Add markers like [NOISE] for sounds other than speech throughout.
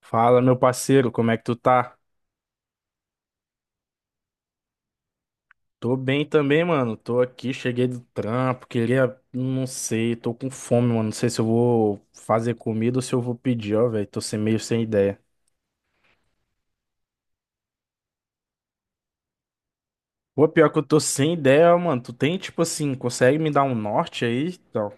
Fala, meu parceiro, como é que tu tá? Tô bem também, mano. Tô aqui, cheguei do trampo, queria, não sei, tô com fome, mano. Não sei se eu vou fazer comida ou se eu vou pedir, ó, velho. Tô sem meio sem ideia. Pô, pior que eu tô sem ideia, mano. Tu tem, tipo assim, consegue me dar um norte aí? Então,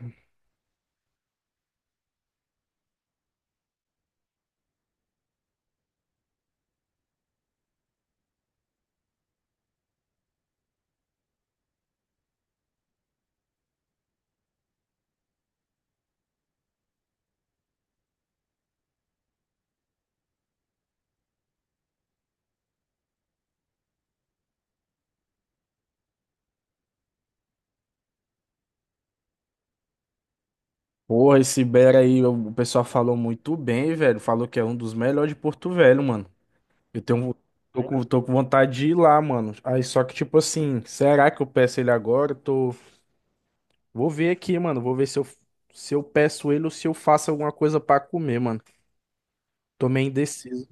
porra, esse Bera aí, o pessoal falou muito bem, velho. Falou que é um dos melhores de Porto Velho, mano. Eu tenho, tô com vontade de ir lá, mano. Aí, só que, tipo assim, será que eu peço ele agora? Tô. Vou ver aqui, mano. Vou ver se eu, Se eu peço ele ou se eu faço alguma coisa pra comer, mano. Tô meio indeciso.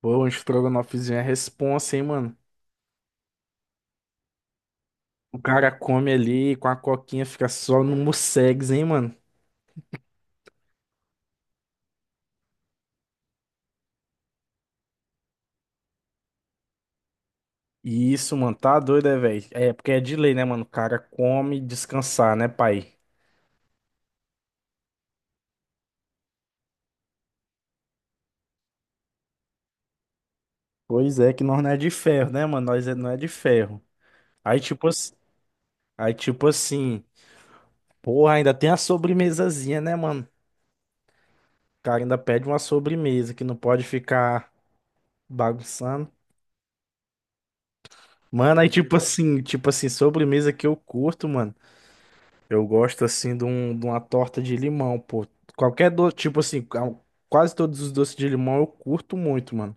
Pô, um estrogonofezinho é responsa, hein, mano. O cara come ali com a coquinha, fica só no mussegs, hein, mano. Isso, mano, tá doido, é, velho? É, porque é de lei, né, mano? O cara come descansar, né, pai? Pois é, que nós não é de ferro, né, mano? Não é de ferro. Aí, tipo, ass- Aí, tipo assim, porra, ainda tem a sobremesazinha, né, mano? O cara ainda pede uma sobremesa que não pode ficar bagunçando. Mano, aí tipo assim, sobremesa que eu curto, mano. Eu gosto assim de, um, de uma torta de limão, pô. Qualquer doce, quase todos os doces de limão eu curto muito, mano.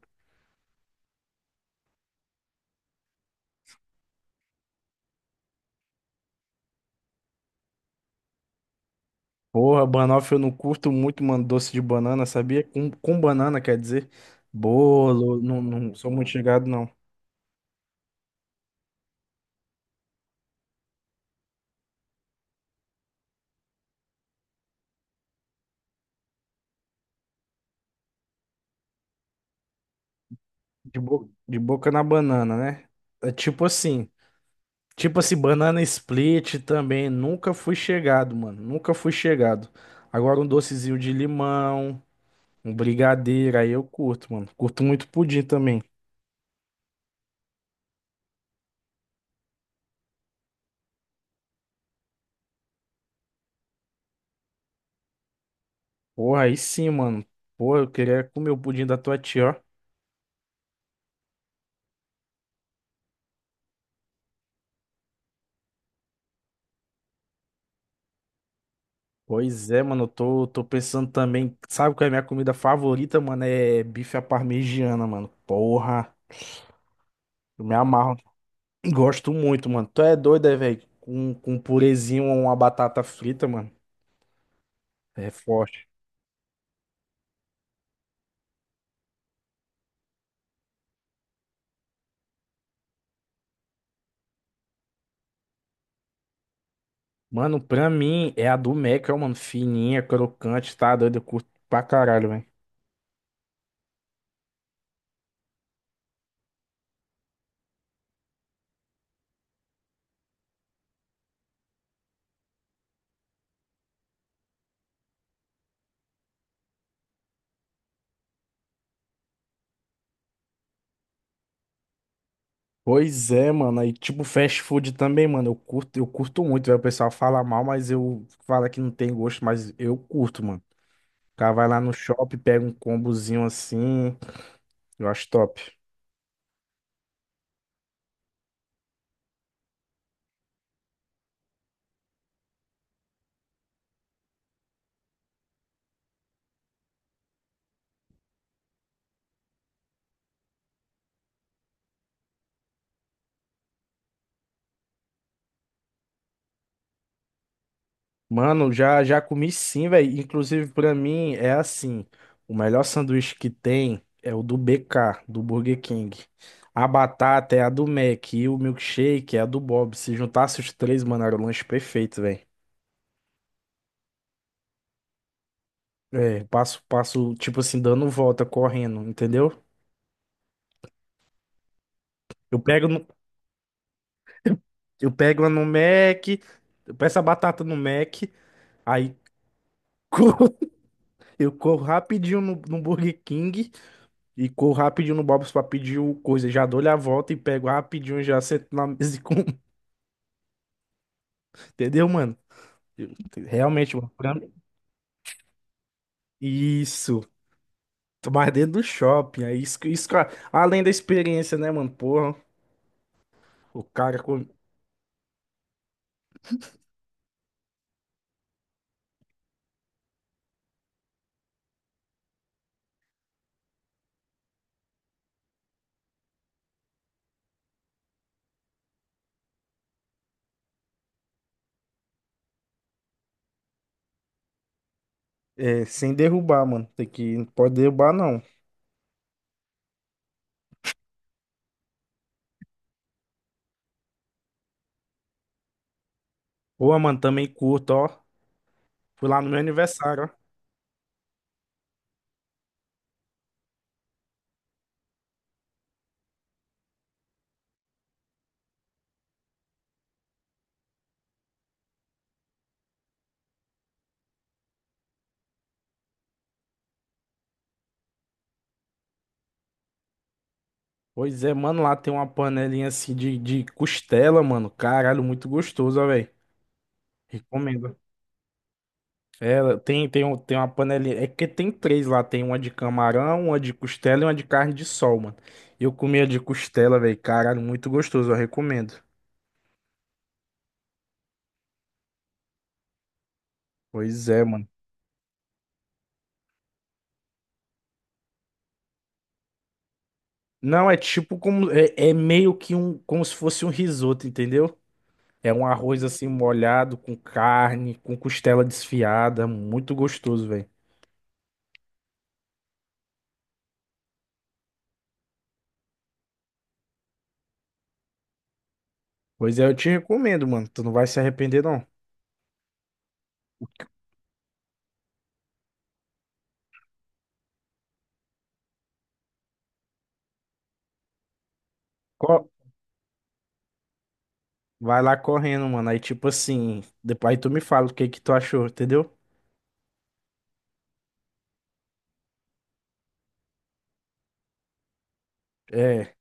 Porra, banoffee eu não curto muito, mano, doce de banana, sabia? Com banana, quer dizer, bolo, não sou muito chegado, não. De boca na banana, né? É tipo assim, banana split também, nunca fui chegado, mano, nunca fui chegado. Agora um docezinho de limão. Um brigadeiro, aí eu curto, mano. Curto muito pudim também. Porra, aí sim, mano. Porra, eu queria comer o pudim da tua tia, ó. Pois é, mano, eu tô pensando também. Sabe qual é a minha comida favorita, mano? É bife à parmegiana, mano. Porra, eu me amarro. [CLEARS THROAT] Gosto muito, mano. Tu é doido, é, velho? Com um purezinho ou uma batata frita, mano. É forte. Mano, pra mim é a do Mac, ó, mano. Fininha, crocante, tá doido? Eu curto pra caralho, velho. Pois é, mano. Aí, tipo, fast food também, mano. Eu curto muito, velho. O pessoal fala mal, mas eu fala que não tem gosto, mas eu curto, mano. O cara vai lá no shopping, pega um combozinho assim. Eu acho top. Mano, já comi sim, velho. Inclusive, pra mim, é assim. O melhor sanduíche que tem é o do BK, do Burger King. A batata é a do Mac e o milkshake é a do Bob. Se juntasse os três, mano, era o lanche perfeito, velho. É, passo, tipo assim, dando volta, correndo, entendeu? Eu pego, no- eu pego uma no Mac, eu peço a batata no Mac, aí [LAUGHS] corro- eu corro rapidinho no Burger King e corro rapidinho no Bob's pra pedir o coisa. Já dou-lhe a volta e pego rapidinho e já sento na mesa e como. [LAUGHS] Entendeu, mano? Eu- Realmente, mano. Pra mim. Isso. Tô mais dentro do shopping. Além da experiência, né, mano? Porra, o cara com. É, sem derrubar, mano. Tem que, não pode derrubar, não. Pô, mano, também curto, ó. Fui lá no meu aniversário, ó. Pois é, mano, lá tem uma panelinha assim de costela, mano. Caralho, muito gostosa, velho. Recomendo. É, tem uma panelinha. É que tem três lá. Tem uma de camarão, uma de costela e uma de carne de sol, mano. Eu comi a de costela, velho. Caralho, muito gostoso, eu recomendo. Pois é, mano. Não, é tipo como. É, é meio que um. Como se fosse um risoto, entendeu? É um arroz assim molhado, com carne, com costela desfiada. Muito gostoso, velho. Pois é, eu te recomendo, mano. Tu não vai se arrepender, não. Co- Vai lá correndo, mano. Aí, tipo assim, depois aí tu me fala o que que tu achou, entendeu? É,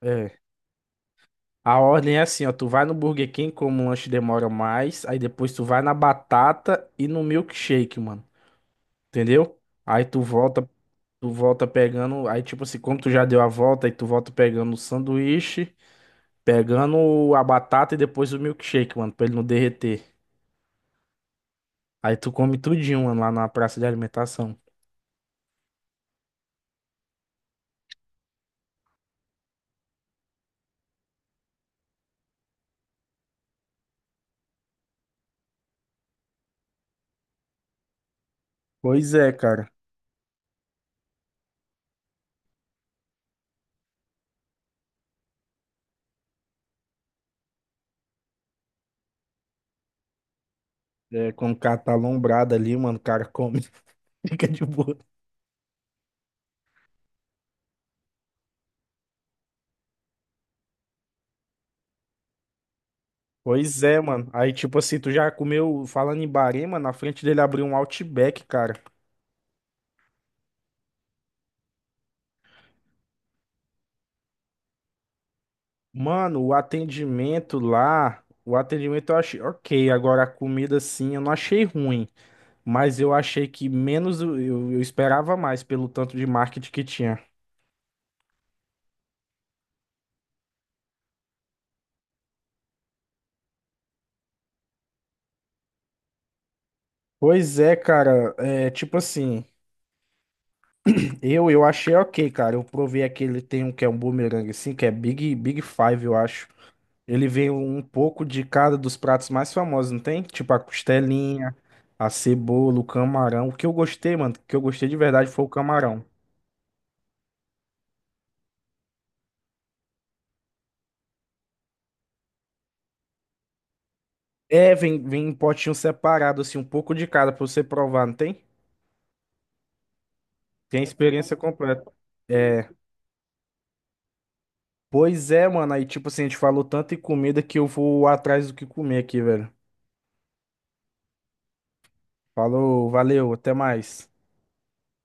é. A ordem é assim, ó. Tu vai no Burger King, como o lanche demora mais. Aí depois tu vai na batata e no milkshake, mano. Entendeu? Aí tu volta pegando. Aí, tipo assim, como tu já deu a volta, aí tu volta pegando o sanduíche, pegando a batata e depois o milkshake, mano, pra ele não derreter. Aí tu come tudinho, mano, lá na praça de alimentação. Pois é, cara. É, quando o cara tá alombrado ali, mano, o cara come, [LAUGHS] fica de boa. Pois é, mano. Aí, tipo assim, tu já comeu, falando em Bahrein, mano, na frente dele abriu um Outback, cara. Mano, o atendimento lá, o atendimento eu achei ok. Agora, a comida, sim, eu não achei ruim. Mas eu achei que menos, eu, eu esperava mais pelo tanto de marketing que tinha. Pois é, cara, é tipo assim, eu achei ok, cara. Eu provei aquele, tem um que é um boomerang assim, que é Big Big Five, eu acho. Ele vem um pouco de cada dos pratos mais famosos, não tem? Tipo a costelinha, a cebola, o camarão. O que eu gostei, mano, o que eu gostei de verdade foi o camarão. É, vem, vem em potinho separado, assim, um pouco de cada pra você provar, não tem? Tem a experiência completa. É, pois é, mano, aí tipo assim, a gente falou tanto em comida que eu vou atrás do que comer aqui, velho. Falou, valeu, até mais.